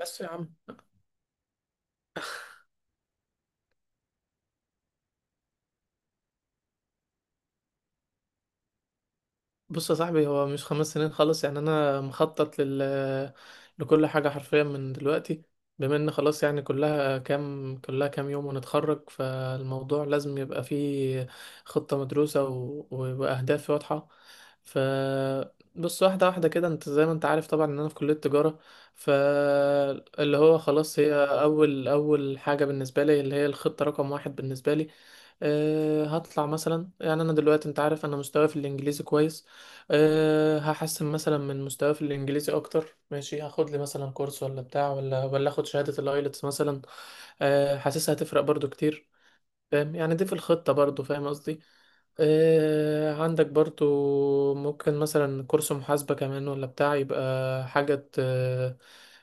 بس يا عم. بص يا صاحبي، هو مش خمس سنين خالص، يعني انا مخطط لكل حاجه حرفيا من دلوقتي. بما ان خلاص، يعني كلها كام يوم ونتخرج، فالموضوع لازم يبقى فيه خطه مدروسه و... واهداف واضحه. ف بص، واحده واحده كده، انت زي ما انت عارف طبعا ان انا في كليه تجاره. فاللي هو خلاص، هي اول اول حاجه بالنسبه لي، اللي هي الخطه رقم واحد بالنسبه لي. هطلع مثلا، يعني انا دلوقتي انت عارف انا مستواي في الانجليزي كويس. هحسن مثلا من مستواي في الانجليزي اكتر، ماشي، هاخد لي مثلا كورس ولا بتاع، ولا اخد شهاده الايلتس مثلا. حاسسها هتفرق برضو كتير، فاهم يعني، دي في الخطه برضو، فاهم قصدي. عندك برضو ممكن مثلا كورس محاسبة كمان ولا بتاع، يبقى حاجة ت-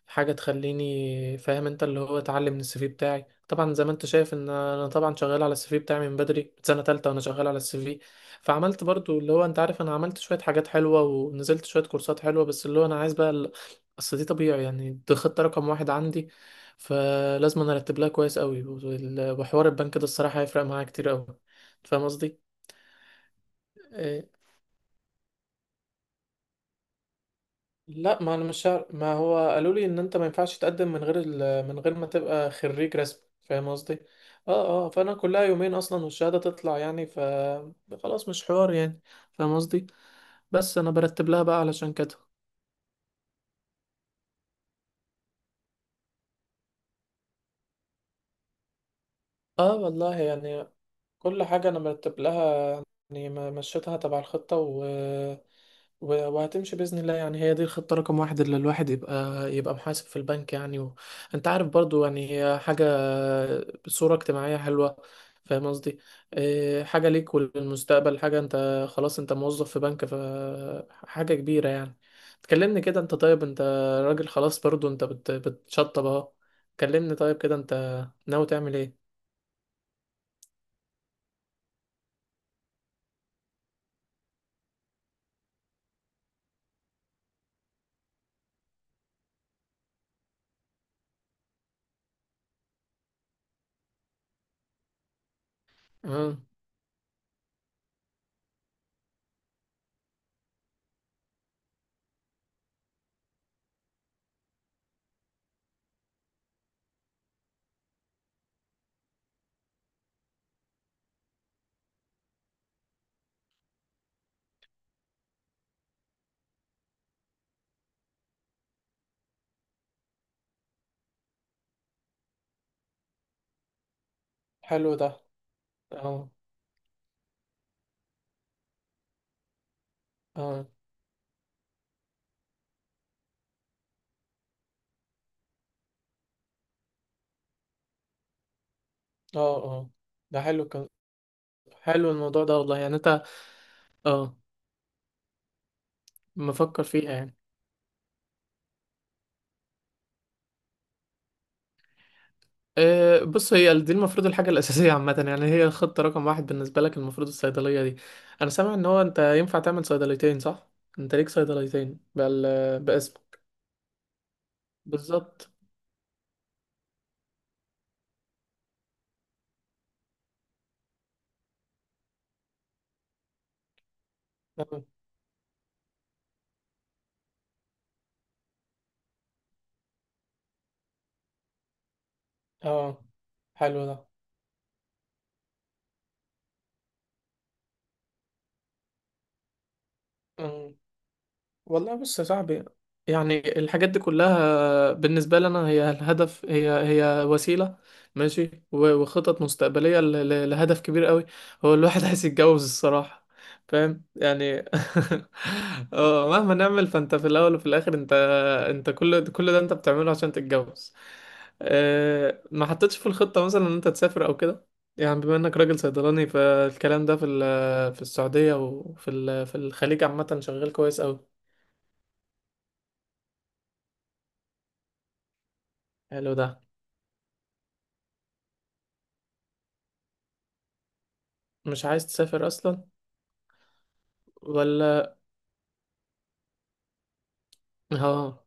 حاجة تخليني فاهم. انت اللي هو اتعلم من السي في بتاعي، طبعا زي ما انت شايف ان انا طبعا شغال على السي في بتاعي من بدري، من سنة تالتة وانا شغال على السي في. فعملت برضو اللي هو، انت عارف انا عملت شوية حاجات حلوة ونزلت شوية كورسات حلوة، بس اللي هو انا عايز بقى اصل دي طبيعي، يعني دي خطة رقم واحد عندي، فلازم انا ارتب لها كويس قوي. وال- وحوار البنك ده الصراحة هيفرق معايا كتير قوي، فاهم قصدي؟ إيه، لا، ما انا مش عارف، ما هو قالوا لي ان انت ما ينفعش تقدم من غير من غير ما تبقى خريج رسمي، فاهم قصدي. اه اه، فانا كلها يومين اصلا والشهاده تطلع يعني. خلاص مش حوار يعني، فاهم قصدي. بس انا برتب لها بقى علشان كده. اه والله يعني، كل حاجة أنا مرتب لها، يعني مشيتها تبع الخطة، و... و... وهتمشي بإذن الله. يعني هي دي الخطة رقم واحد، اللي الواحد يبقى محاسب في البنك يعني. أنت عارف برضو، يعني هي حاجة، صورة اجتماعية حلوة، فاهم قصدي. حاجة ليك وللمستقبل، حاجة أنت خلاص، أنت موظف في بنك، فحاجة كبيرة يعني. تكلمني كده، أنت طيب، أنت راجل خلاص برضو. أنت بتشطب أهو. كلمني طيب كده، أنت ناوي تعمل إيه؟ مم. حلو ده. اه اه اه اه. ده حلو كان. حلو الموضوع ده والله يعني انت. اه. مفكر فيها يعني. أه، بص، هي دي المفروض الحاجة الأساسية عامة يعني، هي الخطة رقم واحد بالنسبة لك المفروض، الصيدلية دي. أنا سامع إن هو أنت ينفع تعمل صيدليتين، صح؟ أنت ليك صيدليتين باسمك. بالظبط. اه. آه، حلو ده. والله بص يا صاحبي، يعني الحاجات دي كلها بالنسبة لنا هي الهدف، هي هي وسيلة ماشي. و- وخطط مستقبلية ل- ل- لهدف كبير قوي. هو الواحد عايز يتجوز الصراحة، فاهم يعني مهما نعمل، فانت في الاول وفي الاخر، انت. كل ده انت بتعمله عشان تتجوز. ما حطيتش في الخطة مثلا ان انت تسافر او كده، يعني بما انك راجل صيدلاني، فالكلام ده في السعودية في الخليج عامة شغال كويس قوي. حلو ده. مش عايز تسافر اصلا؟ ولا. اه.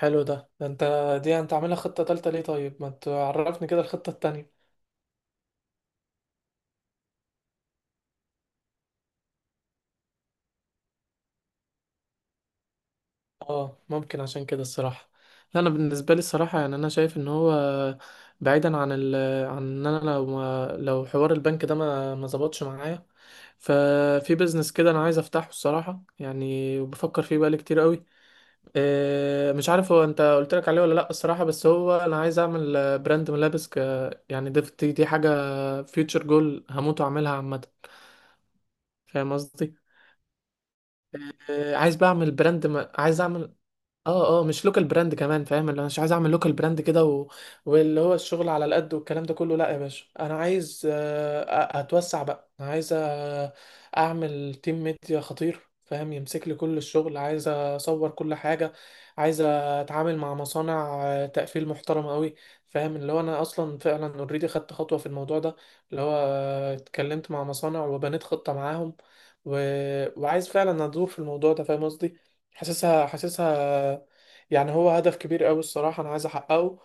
حلو ده، ده انت، دي انت عاملها خطة تالتة ليه؟ طيب ما تعرفني كده الخطة التانية. اه ممكن عشان كده الصراحة. لا، انا بالنسبة لي الصراحة يعني، انا شايف ان هو بعيدا عن ال، عن ان انا، لو حوار البنك ده ما ظبطش معايا، ففي بيزنس كده انا عايز افتحه الصراحة يعني، وبفكر فيه بقالي كتير قوي. مش عارف هو، انت قلت لك عليه ولا لا الصراحه، بس هو انا عايز اعمل براند ملابس ك، يعني دي حاجه فيوتشر جول هموت واعملها عامه، فاهم قصدي. عايز بقى اعمل عايز اعمل. اه اه، مش لوكال براند كمان، فاهم اللي انا مش عايز اعمل لوكال براند كده و... واللي هو الشغل على القد والكلام ده كله. لا يا باشا، انا عايز اتوسع بقى. انا عايز اعمل تيم ميديا خطير، فاهم، يمسك لي كل الشغل. عايز اصور كل حاجة، عايز اتعامل مع مصانع تقفيل محترمة قوي. فاهم اللي هو، انا اصلا فعلا اوريدي خدت خطوة في الموضوع ده، اللي هو اتكلمت مع مصانع وبنيت خطة معاهم و... وعايز فعلا ادور في الموضوع ده، فاهم قصدي. حاسسها، يعني هو هدف كبير قوي الصراحة، انا عايز احققه،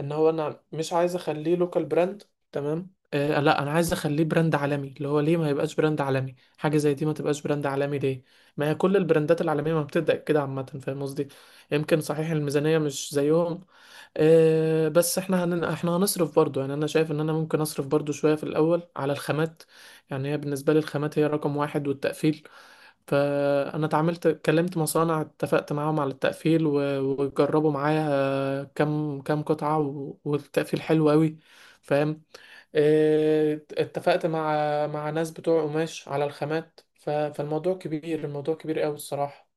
ان هو انا مش عايز اخليه لوكال براند، تمام. آه لا، انا عايز اخليه براند عالمي. اللي هو ليه ما يبقاش براند عالمي؟ حاجة زي دي ما تبقاش براند عالمي ليه؟ ما هي كل البراندات العالمية ما بتبدأ كده عامة، فاهم قصدي. يمكن صحيح الميزانية مش زيهم، بس احنا احنا هنصرف برضو، يعني انا شايف ان انا ممكن اصرف برضو شوية في الاول على الخامات. يعني هي بالنسبة لي الخامات هي رقم واحد، والتقفيل. فأنا اتعاملت، كلمت مصانع، اتفقت معاهم على التقفيل و- وجربوا معايا كام كام قطعة و- والتقفيل حلو أوي، فاهم. اه، اتفقت مع ناس بتوع قماش على الخامات. ف- فالموضوع كبير، الموضوع كبير أوي الصراحة.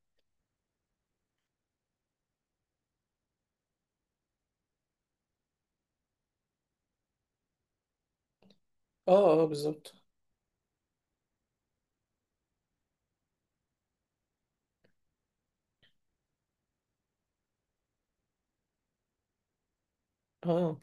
اه اه بالظبط. اه آه.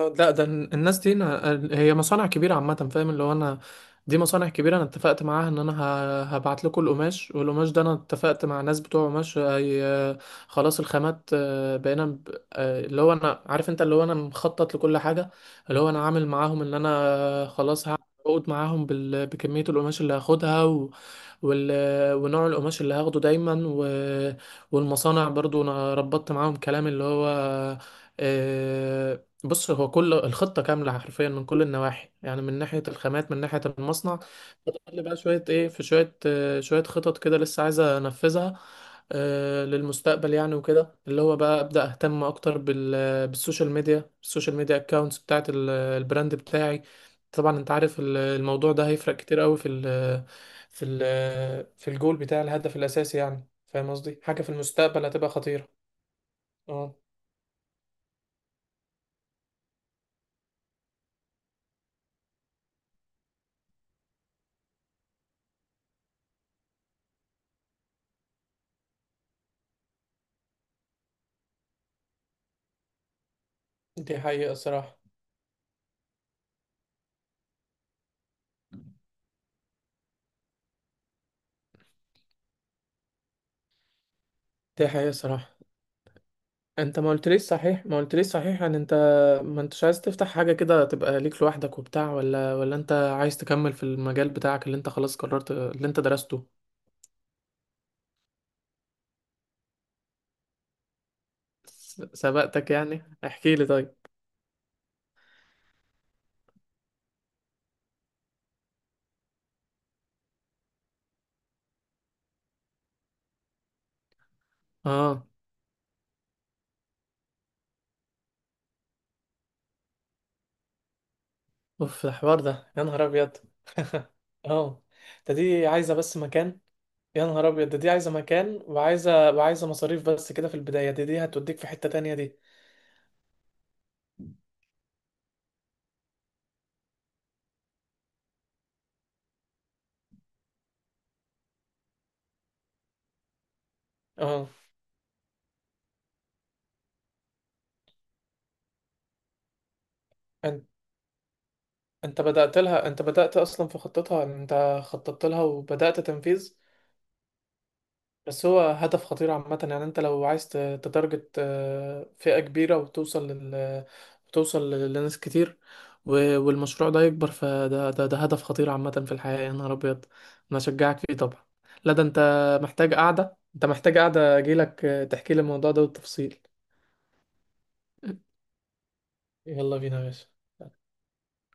اه، لا، ده الناس دي أنا هي مصانع كبيرة عامة، فاهم اللي هو أنا، دي مصانع كبيرة. أنا اتفقت معاها إن أنا هبعت لكم القماش، والقماش ده أنا اتفقت مع ناس بتوع قماش، هي خلاص الخامات. بقينا اللي هو أنا عارف أنت، اللي هو أنا مخطط لكل حاجة. اللي هو أنا عامل معاهم إن أنا خلاص هقعد معاهم بكمية القماش اللي هاخدها و... وال... ونوع القماش اللي هاخده دايما. والمصانع برضو أنا ربطت معاهم كلام، اللي هو آه، بص، هو كل الخطة كاملة حرفيا من كل النواحي، يعني من ناحية الخامات، من ناحية المصنع. فاضل لي بقى شوية ايه، في شوية شوية خطط كده لسه عايزة انفذها للمستقبل يعني. وكده اللي هو بقى ابدأ اهتم اكتر بالسوشيال ميديا، السوشيال ميديا اكونتس بتاعت البراند بتاعي. طبعا انت عارف الموضوع ده هيفرق كتير قوي في ال في الجول بتاع الهدف الاساسي، يعني فاهم قصدي، حاجة في المستقبل هتبقى خطيرة. اه، دي حقيقة الصراحة. دي حقيقة الصراحة. انت ما قلتليش صحيح، ما قلتليش صحيح يعني. انت ما انتش عايز تفتح حاجة كده تبقى ليك لوحدك وبتاع، ولا انت عايز تكمل في المجال بتاعك اللي انت خلاص قررت اللي انت درسته؟ سبقتك يعني، احكي لي طيب. اه. اوف، ده حوار ده يا نهار ابيض اه. ده دي عايزة بس مكان. يا نهار ابيض، ده دي عايزة مكان، وعايزة مصاريف بس كده في البداية. دي هتوديك في حتة تانية دي. اه، انت انت بدأت لها، انت بدأت اصلا في خطتها، انت خططت لها وبدأت تنفيذ. بس هو هدف خطير عامة يعني. انت لو عايز تتارجت فئة كبيرة، وتوصل وتوصل لناس كتير، والمشروع ده يكبر. فده ده, ده هدف خطير عامة في الحياة، يا نهار أبيض. أنا أشجعك فيه طبعا. لا ده انت محتاج قعدة، انت محتاج قعدة، أجيلك تحكي لي الموضوع ده بالتفصيل. يلا بينا يا باشا.